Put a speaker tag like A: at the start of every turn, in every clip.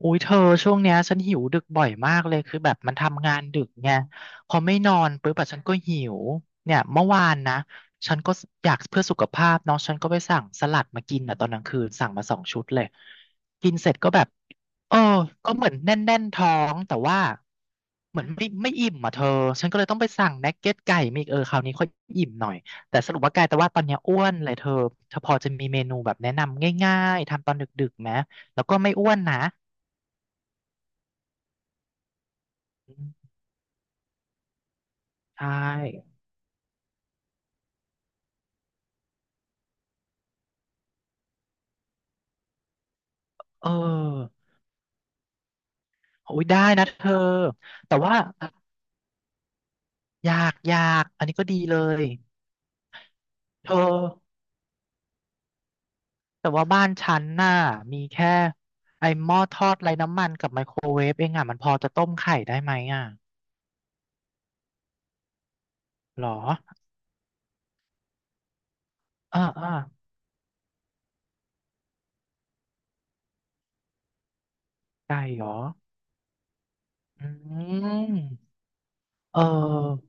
A: อุ้ยเธอช่วงเนี้ยฉันหิวดึกบ่อยมากเลยคือแบบมันทำงานดึกไงพอไม่นอนปุ๊บอะฉันก็หิวเนี่ยเมื่อวานนะฉันก็อยากเพื่อสุขภาพเนาะฉันก็ไปสั่งสลัดมากินอ่ะตอนกลางคืนสั่งมาสองชุดเลยกินเสร็จก็แบบเออก็เหมือนแน่นแน่นท้องแต่ว่าเหมือนไม่อิ่มอ่ะเธอฉันก็เลยต้องไปสั่งนักเก็ตไก่มาอีกเออคราวนี้ค่อยอิ่มหน่อยแต่สรุปว่ากลายแต่ว่าตอนเนี้ยอ้วนเลยเธอเธอพอจะมีเมนูแบบแนะนำง่ายๆทำตอนดึกๆไหมแล้วก็ไม่อ้วนนะ ใช่เออโอ้ยได้นะเธอ แต่ว่ายากยากอันนี้ก็ดีเลยเธอแต่ว่าบ้านฉันน่ะมีแค่ไอ้หม้อทอดไร้น้ำมันกับไมโครเวฟเองอ่ะมันพอจะต้มไข่ได้ไหมอ่ะหรอเออเออไก่หรออืมเออ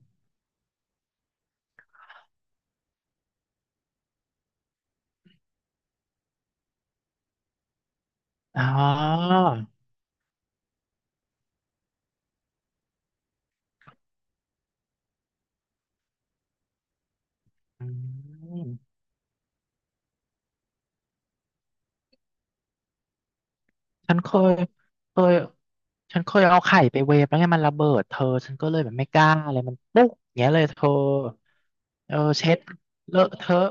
A: อ๋ออืม ฉันเคยเคยฉันเคยเอาไข่ไปเวฟแล้วไงมันระเบิดเธอฉันก็เลยแบบไม่กล้าอะไรมันปุ๊กอย่างเงี้ยเลยเธอเออเช็ดเลอะเทอะ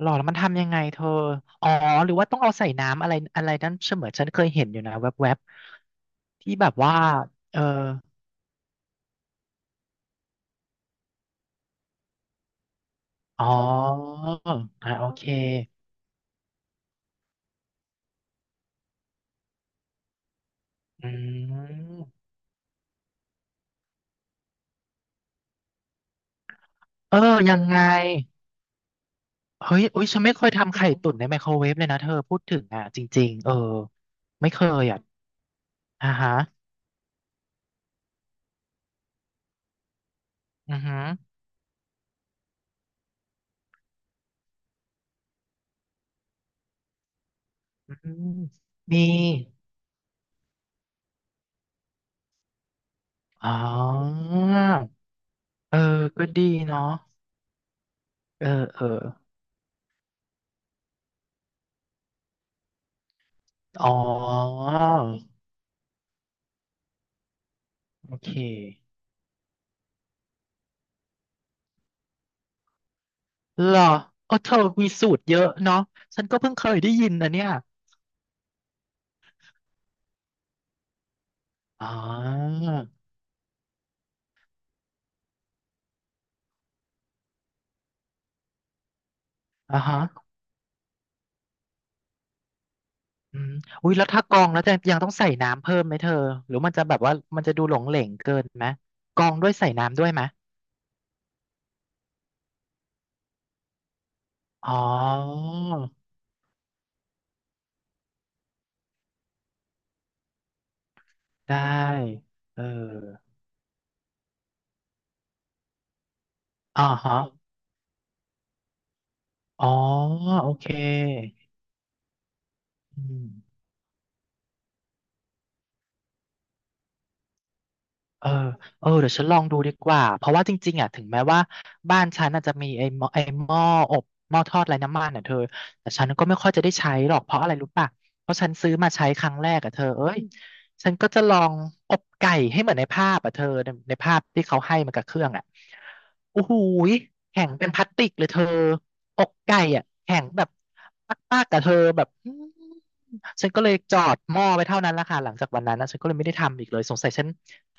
A: หรอแล้วมันทำยังไงเธออ๋อหรือว่าต้องเอาใส่น้ำอะไรอะไรนั้นเสมือนฉันเคยเห็นอยู่นะแวบๆที่แบบว่าเอออ๋ออ่าโอเคอืมเออยังไงเฮ้ยอุ้ยฉันไม่เคยทำไข่ตุ๋นในไมโครเวฟเลยนะเธอพูดถึงอ่ะจริงๆเออไม่เคยอ่ะอ่าฮะ อือหืออืมมีอ๋อเออก็ดีเนาะเออเอออ๋อโอเคเหรอเออเธอมีสูตรเยอะเนาะฉันก็เพิ่งเคยได้ยินนะเนี่ยอ๋ออ่าฮะอืมอุ้ยแล้วถ้ากรองแล้วจะยังต้องใส่น้ำเพิ่มไหมเธอหรือมันจะแบบว่ามันจะดูหลงเหลงเกินไหมกรองด้วยใส่น้ำด้วยไหมอ๋อได้เอออ่าฮะอ๋อโอเค อืมเออเออเดี๋ยวฉันลองดูดีกว่าเพราะว่าจริงๆอ่ะถึงแม้ว่าบ้านฉันอาจจะมีไอ้หม้ออบหม้อทอดไร้น้ำมันอ่ะเธอแต่ฉันก็ไม่ค่อยจะได้ใช้หรอกเพราะอะไรรู้ป่ะเพราะฉันซื้อมาใช้ครั้งแรกอ่ะเธอเอ้ยฉันก็จะลองอบไก่ให้เหมือนในภาพอ่ะเธอในภาพที่เขาให้มากับเครื่องอ่ะโอ้โหยแข็งเป็นพลาสติกเลยเธออกไก่อ่ะแข็งแบบมากๆกับเธอแบบ ฉันก็เลยจอดหม้อไปเท่านั้นแหละค่ะหลังจากวันนั้นนะฉันก็เลยไม่ได้ทำอีกเลยสงสัยฉัน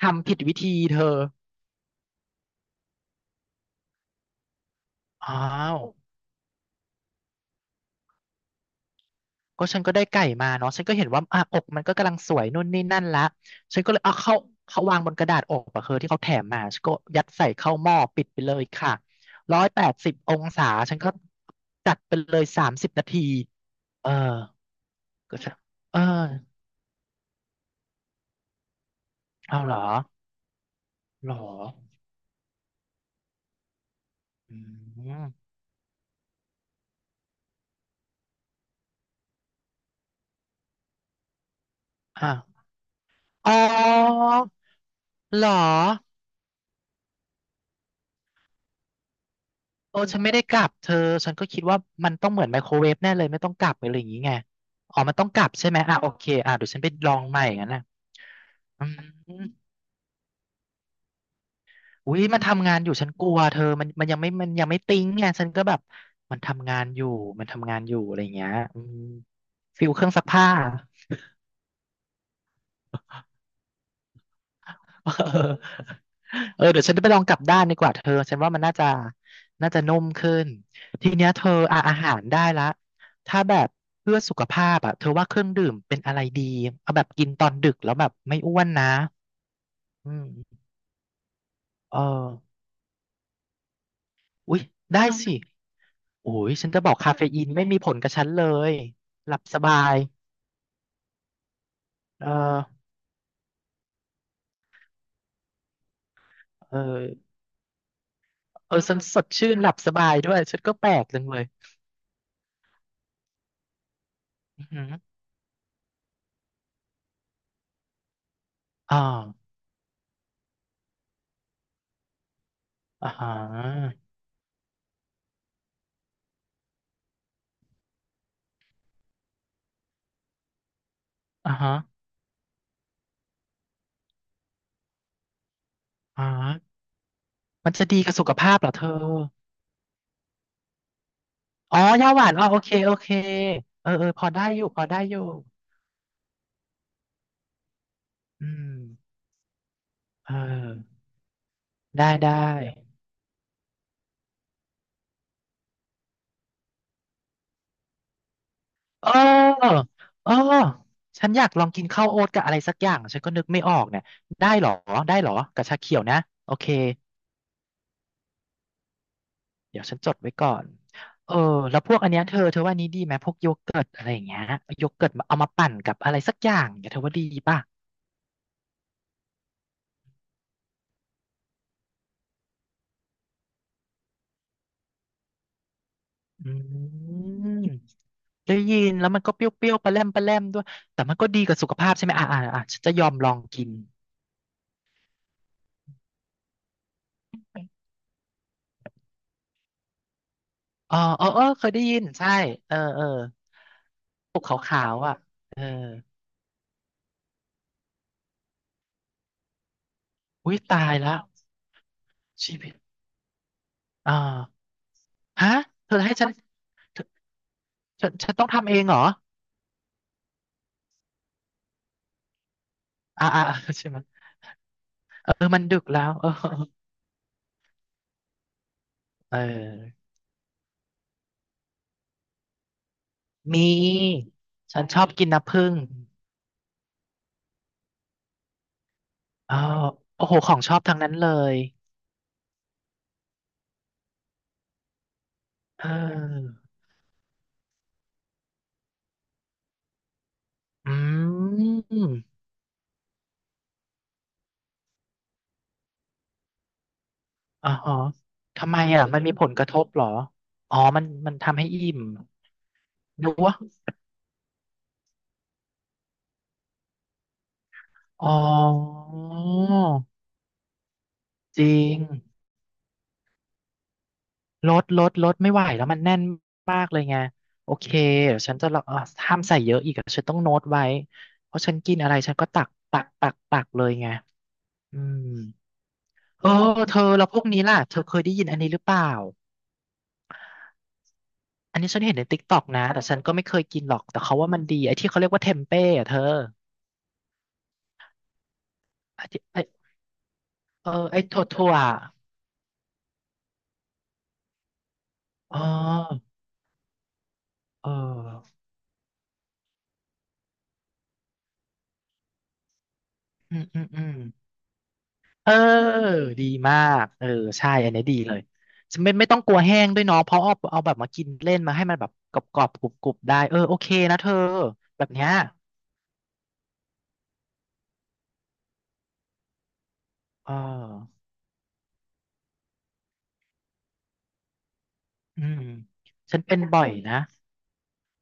A: ทำผิดวิธีเธออ้าวก็ฉันก็ได้ไก่มาเนาะฉันก็เห็นว่าอ่ะอกมันก็กำลังสวยนู่นนี่นั่นละฉันก็เลยเอาเข้าเขาวางบนกระดาษอกอะเธอที่เขาแถมมาฉันก็ยัดใส่เข้าหม้อปิดไปเลยค่ะ180 องศาฉันก็จัดไปเลย30 นาทีเออก็จะเออเอาเหรอหรออืมอ่ะอ๋อเหรอ โอ้ฉันไม่ได้กลับเธอฉันก็คิดว่ามันต้องเหมือนไมโครเวฟแน่เลยไม่ต้องกลับอะไรอย่างงี้ไงอ๋อมันต้องกลับใช่ไหมอ่ะโอเคอ่ะเดี๋ยวฉันไปลองใหม่งั้นนะอืมอุ้ยมันทำงานอยู่ฉันกลัวเธอมันยังไม่ติ้งไงฉันก็แบบมันทำงานอยู่มันทำงานอยู่อะไรอย่างเงี้ยอืมฟิลเครื่องซักผ้า เออเออเดี๋ยวฉันไปลองกลับด้านดีกว่าเธอฉันว่ามันน่าจะน่าจะนุ่มขึ้นทีเนี้ยเธออ่ะอาหารได้ละถ้าแบบเพื่อสุขภาพอ่ะเธอว่าเครื่องดื่มเป็นอะไรดีเอาแบบกินตอนดึกแล้วแบบไม่อ้วนนะอืมเอออุ๊ยได้สิโอ้ยฉันจะบอกคาเฟอีนไม่มีผลกับฉันเลยหลับสบายเออเออเออฉันสดชื่นหลับสบายด้วยฉันก็แปลกจังเลยอือหืออ่าอ่าฮะอ่าฮะอ่า มันจะดีกับสุขภาพเหรอเธออ๋อยาหวานอ๋อโอเคโอเคเออเออพอได้อยู่พอได้อยู่อืมเออได้ ได้เออเออฉันอยากลองกินข้าวโอ๊ตกับอะไรสักอย่างฉันก็นึกไม่ออกเนี่ยได้เหรอได้เหรอกับชาเขียวนะโอเคเดี๋ยวฉันจดไว้ก่อนเออแล้วพวกอันเนี้ยเธอเธอว่านี้ดีไหมพวกโยเกิร์ตอะไรอย่างเงี้ยโยเกิร์ตมาเอามาปั่นกับอะไรสักอย่างเนี่ยเธอว่าดีป่ะอืม ได้ยินแล้วมันก็เปรี้ยวๆปลาแรมปลาแรมด้วยแต่มันก็ดีกับสุขภาพใช่ไหมฉันจะยอมลองกินอ๋อเออเออเคยได้ยินใช่เออเออปกขาวๆอ่ะเอออุ้ยตายแล้วชีวิตอ่าฮะเธอให้ฉันเธอฉันต้องทำเองเหรออ่าอ่าใช่ไหมเออมันดึกแล้วเออเออมีฉันชอบกินน้ำผึ้งอ๋อโอ้โหของชอบทั้งนั้นเลยเอออืม อ๋อฮะทำไมอ่ะมันมีผลกระทบเหรออ๋อมันทำให้อิ่มนึกว่าอ๋อจริงลดลดลดไม่ไหวแล้วมันแน่นมากเลยไงโอเคเดี๋ยวฉันจะลองห้ามใส่เยอะอีกอะฉันต้องโน้ตไว้เพราะฉันกินอะไรฉันก็ตักตักตักตักเลยไงอืมเออเธอแล้วพวกนี้ล่ะเธอเคยได้ยินอันนี้หรือเปล่า อันนี้ฉันเห็นในติ๊กต็อกนะ แต่ฉันก็ไม่เคยกินหรอกแต่เขาว่ามันดีไอ้ที่เขาเรียกว่าเทมเป้อะเธอไอ้ที่ไอ้เออไอ้ถั่ว อ๋อเอออืมอืมอืมเออดีมากเออใช่อันนี้ดีเลยจะไม่ต้องกลัวแห้งด้วยเนาะเพราะเอาแบบมากินเล่นมาให้มันแบบกรอบกรอบกรุบกรุบได้เออโอเคนะเธอแบบเนี้ยเอออืมฉันเป็นบ่อยนะ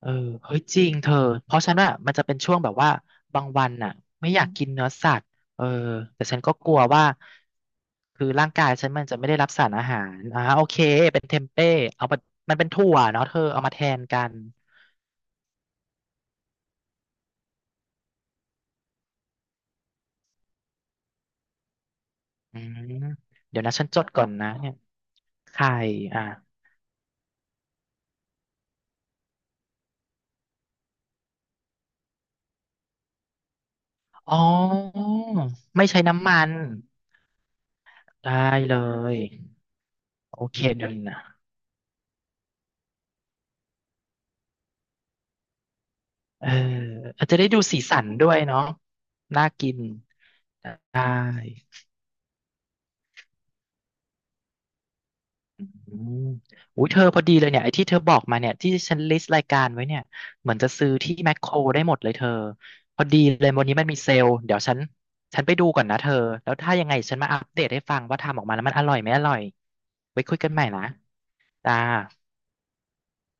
A: เออเฮ้ยจริงเธอเพราะฉันว่ามันจะเป็นช่วงแบบว่าบางวันน่ะไม่อยากกินเนื้อสัตว์เออแต่ฉันก็กลัวว่าคือร่างกายฉันมันจะไม่ได้รับสารอาหารโอเคเป็นเทมเป้เอามามันเป็นถั่วเนาะเธอเอามาแทนกันอืมเดี๋ยวนะฉันจดก่อนนะเนี่ยไข่อ่ะอ๋อไม่ใช้น้ำมันได้เลยโอเคเดี๋ยวนะเอออาจจะได้ดูสีสันด้วยเนาะน่ากินได้ อืมอุ้ยเธอพอดีเลยเนี่ยไอ้ที่เธอบอกมาเนี่ยที่ฉันลิสต์รายการไว้เนี่ยเหมือนจะซื้อที่แมคโครได้หมดเลยเธอพอดีเลยวันนี้มันมีเซลล์เดี๋ยวฉันไปดูก่อนนะเธอแล้วถ้ายังไงฉันมาอัปเดตให้ฟังว่าทำออกมาแล้วมันอร่อยไม่อร่อยไว้คุยกันใหม่นะจ้า